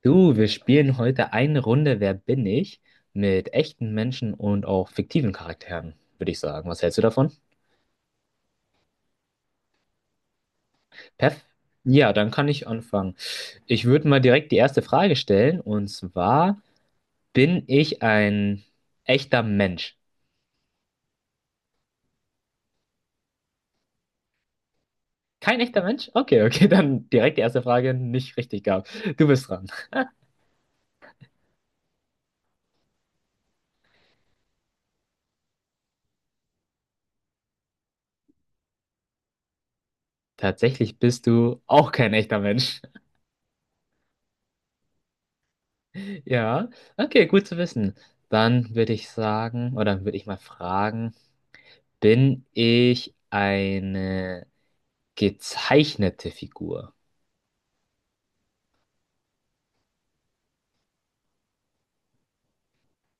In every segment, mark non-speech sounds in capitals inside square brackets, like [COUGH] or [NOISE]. Du, wir spielen heute eine Runde Wer bin ich? Mit echten Menschen und auch fiktiven Charakteren, würde ich sagen. Was hältst du davon? Perf? Ja, dann kann ich anfangen. Ich würde mal direkt die erste Frage stellen und zwar, bin ich ein echter Mensch? Kein echter Mensch? Okay, okay, dann direkt die erste Frage nicht richtig gab. Du bist dran. Tatsächlich bist du auch kein echter Mensch. [LAUGHS] Ja, okay, gut zu wissen. Dann würde ich sagen, oder würde ich mal fragen, bin ich eine gezeichnete Figur?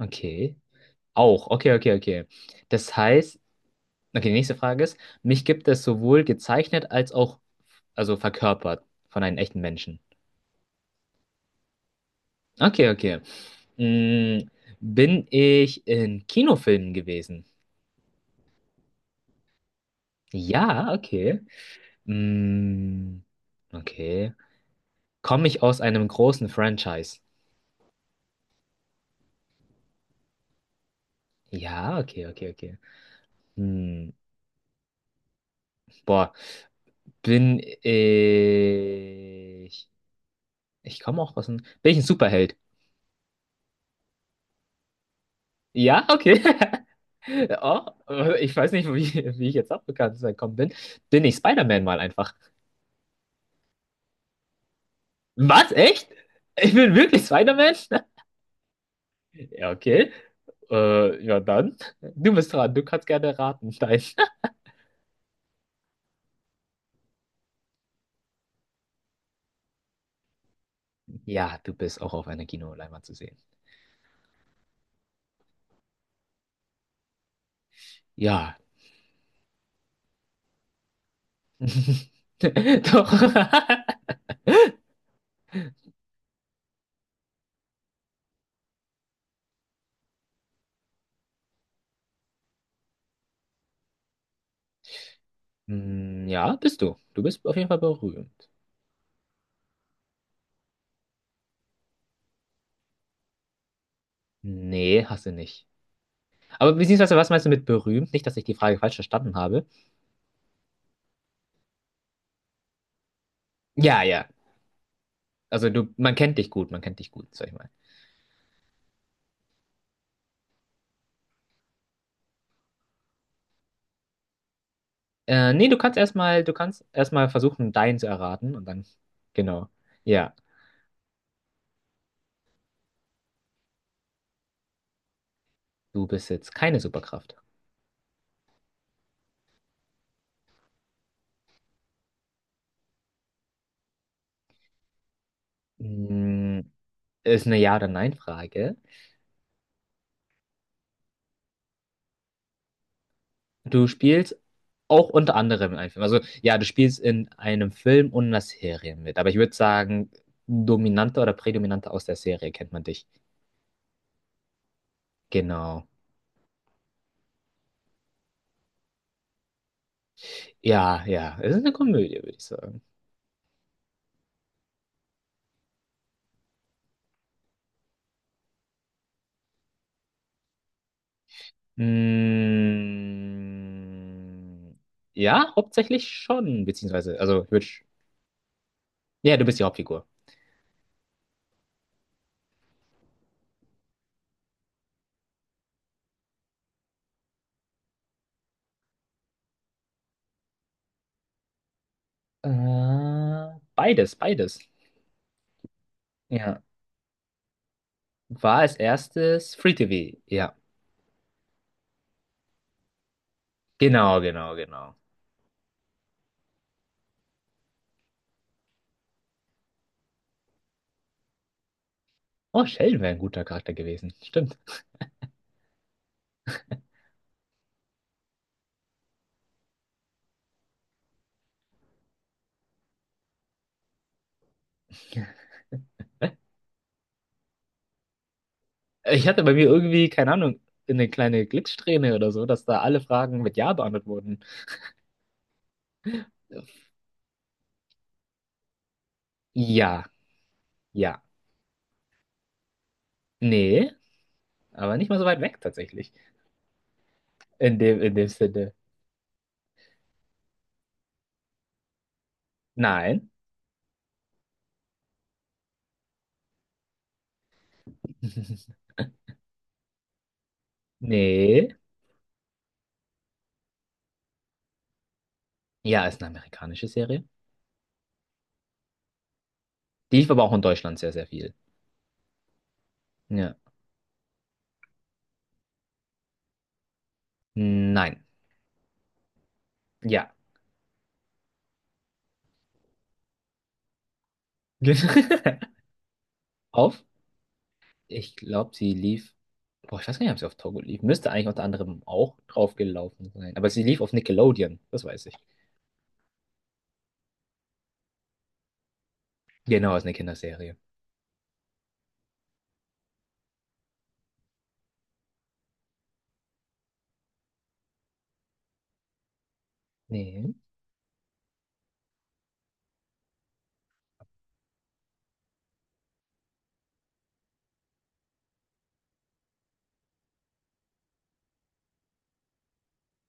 Okay. Auch. Okay, okay, okay. Das heißt, okay, die nächste Frage ist, mich gibt es sowohl gezeichnet als auch, also verkörpert von einem echten Menschen. Okay, okay. Mm, bin ich in Kinofilmen gewesen? Ja, okay. Mm, okay. Komme ich aus einem großen Franchise? Ja, okay, okay, okay. Hm, boah. Bin ich. Ich komme auch aus dem. Bin ich ein Superheld? Ja, okay. [LAUGHS] Oh, ich weiß nicht, wie ich jetzt auf Bekanntes gekommen bin. Bin ich Spider-Man mal einfach? Was? Echt? Ich bin wirklich Spider-Man? [LAUGHS] Ja, okay. Ja, dann. Du bist dran. Du kannst gerne raten. Nein. [LAUGHS] Ja, du bist auch auf einer Kinoleinwand zu sehen. Ja. [LAUGHS] Doch. [LAUGHS] Hm, ja, bist du. Du bist auf jeden Fall berühmt. Nee, hast du nicht. Aber beziehungsweise, was meinst du mit berühmt? Nicht, dass ich die Frage falsch verstanden habe. Ja, ja. Also du, man kennt dich gut, man kennt dich gut, sag ich mal. Nee, du kannst erstmal versuchen, deinen zu erraten und dann, genau. Ja, du besitzt keine Superkraft. Mm, Ist eine Ja- oder Nein-Frage. Du spielst auch unter anderem in einem Film. Also ja, du spielst in einem Film und einer Serie mit. Aber ich würde sagen, dominanter oder prädominanter aus der Serie kennt man dich. Genau. Ja, ja. Es ist eine Komödie, würde ich sagen. Mm, ja, hauptsächlich schon, beziehungsweise, also, ja, du bist die Hauptfigur. Beides, beides. Ja. War als erstes Free TV. Ja. Genau, genau, genau. Oh, Sheldon wäre ein guter Charakter gewesen. Stimmt. Ich hatte bei mir irgendwie, keine Ahnung, eine kleine Glückssträhne oder so, dass da alle Fragen mit Ja beantwortet wurden. Ja, ja. Nee, aber nicht mal so weit weg tatsächlich. In dem Sinne. Nein. [LAUGHS] Nee. Ja, ist eine amerikanische Serie. Die lief aber auch in Deutschland sehr, sehr viel. Ja. Nein. Ja. [LAUGHS] Auf? Ich glaube, sie lief. Boah, ich weiß gar nicht, ob sie auf Togo lief. Müsste eigentlich unter anderem auch draufgelaufen sein. Aber sie lief auf Nickelodeon, das weiß ich. Genau, ist eine Kinderserie. Nee.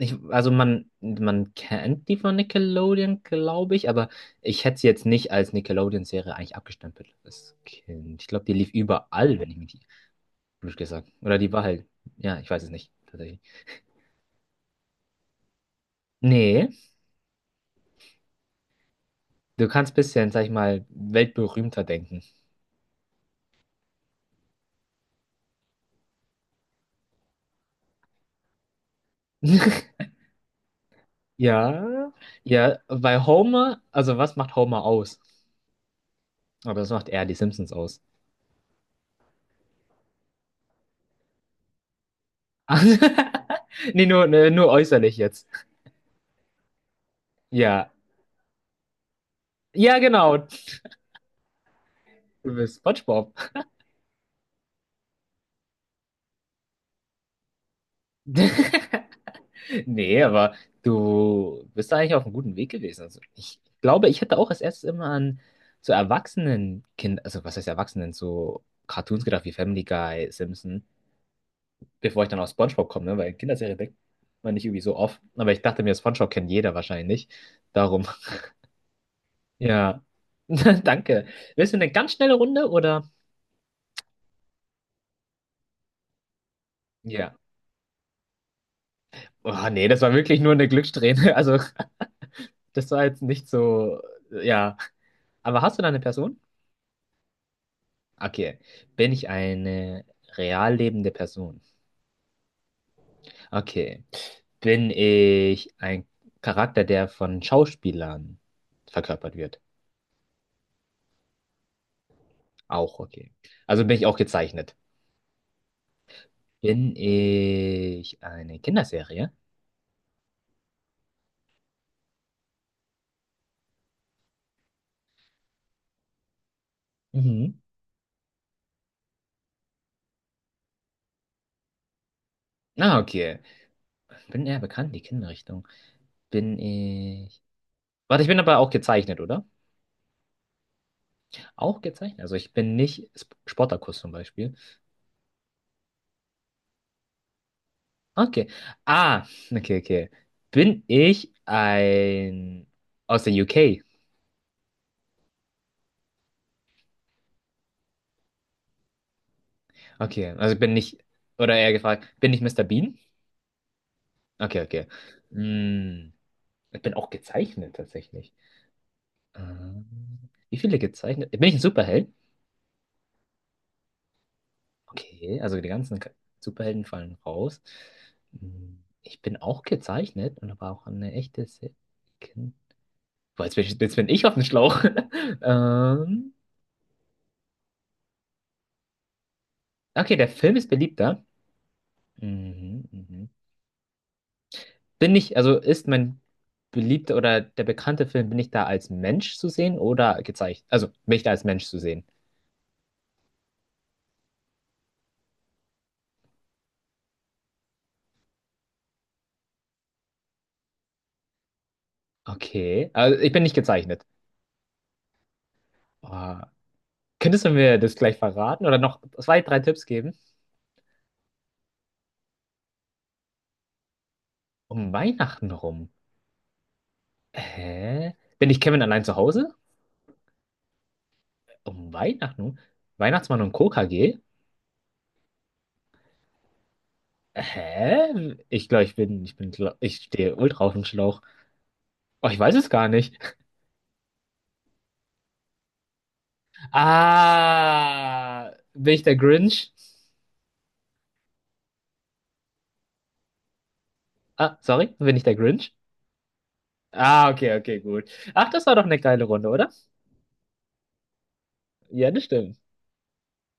Ich, also man kennt die von Nickelodeon, glaube ich, aber ich hätte sie jetzt nicht als Nickelodeon-Serie eigentlich abgestempelt als Kind. Ich glaube, die lief überall, wenn ich mich blöd gesagt. Oder die war halt, ja, ich weiß es nicht. Nee, du kannst bisschen, sag ich mal, weltberühmter denken. [LAUGHS] Ja, ja, weil Homer, also was macht Homer aus? Aber das macht eher die Simpsons aus. [LAUGHS] Nee, ne, nur äußerlich jetzt. Ja. Ja, genau. Du bist SpongeBob. [LAUGHS] Nee, aber du bist da eigentlich auf einem guten Weg gewesen. Also ich glaube, ich hätte auch als erstes immer an so Erwachsenen, Kind, also was heißt Erwachsenen, so Cartoons gedacht wie Family Guy, Simpson. Bevor ich dann auf SpongeBob komme, ne? Weil Kinderserie denkt man nicht irgendwie so oft. Aber ich dachte mir, SpongeBob kennt jeder wahrscheinlich. Darum, ja. [LAUGHS] Danke. Willst du eine ganz schnelle Runde oder? Ja. Oh, nee, das war wirklich nur eine Glückssträhne. [LAUGHS] Also, das war jetzt nicht so. Ja. Aber hast du da eine Person? Okay. Bin ich eine real lebende Person? Okay. Bin ich ein Charakter, der von Schauspielern verkörpert wird? Auch okay. Also bin ich auch gezeichnet. Bin ich eine Kinderserie? Mhm. Ah, okay. Bin eher bekannt, die Kinderrichtung. Bin ich. Warte, ich bin aber auch gezeichnet, oder? Auch gezeichnet. Also ich bin nicht Spartacus zum Beispiel. Okay. Ah, okay, okay. Bin ich ein. Aus der UK? Okay, also ich bin nicht. Oder eher gefragt, bin ich Mister Bean? Okay, okay. Hm, ich bin auch gezeichnet tatsächlich. Wie viele gezeichnet? Bin ich ein Superheld? Okay, also die ganzen Superhelden fallen raus. Hm, ich bin auch gezeichnet und aber auch eine echte Se Kind. Boah, jetzt bin ich auf dem Schlauch. [LAUGHS] ähm, okay, der Film ist beliebter. Mhm, mhm. Also ist mein beliebter oder der bekannte Film, bin ich da als Mensch zu sehen oder gezeichnet? Also bin ich da als Mensch zu sehen? Okay, also ich bin nicht gezeichnet. Oh, könntest du mir das gleich verraten oder noch zwei, drei Tipps geben? Um Weihnachten rum. Hä? Bin ich Kevin allein zu Hause? Um Weihnachten? Weihnachtsmann und Coca-G? Hä? Ich glaube, ich bin, ich stehe ultra auf dem Schlauch. Oh, ich weiß es gar nicht. Ah, bin ich der Grinch? Ah, sorry, bin ich der Grinch? Ah, okay, okay, gut. Ach, das war doch eine geile Runde, oder? Ja, das stimmt.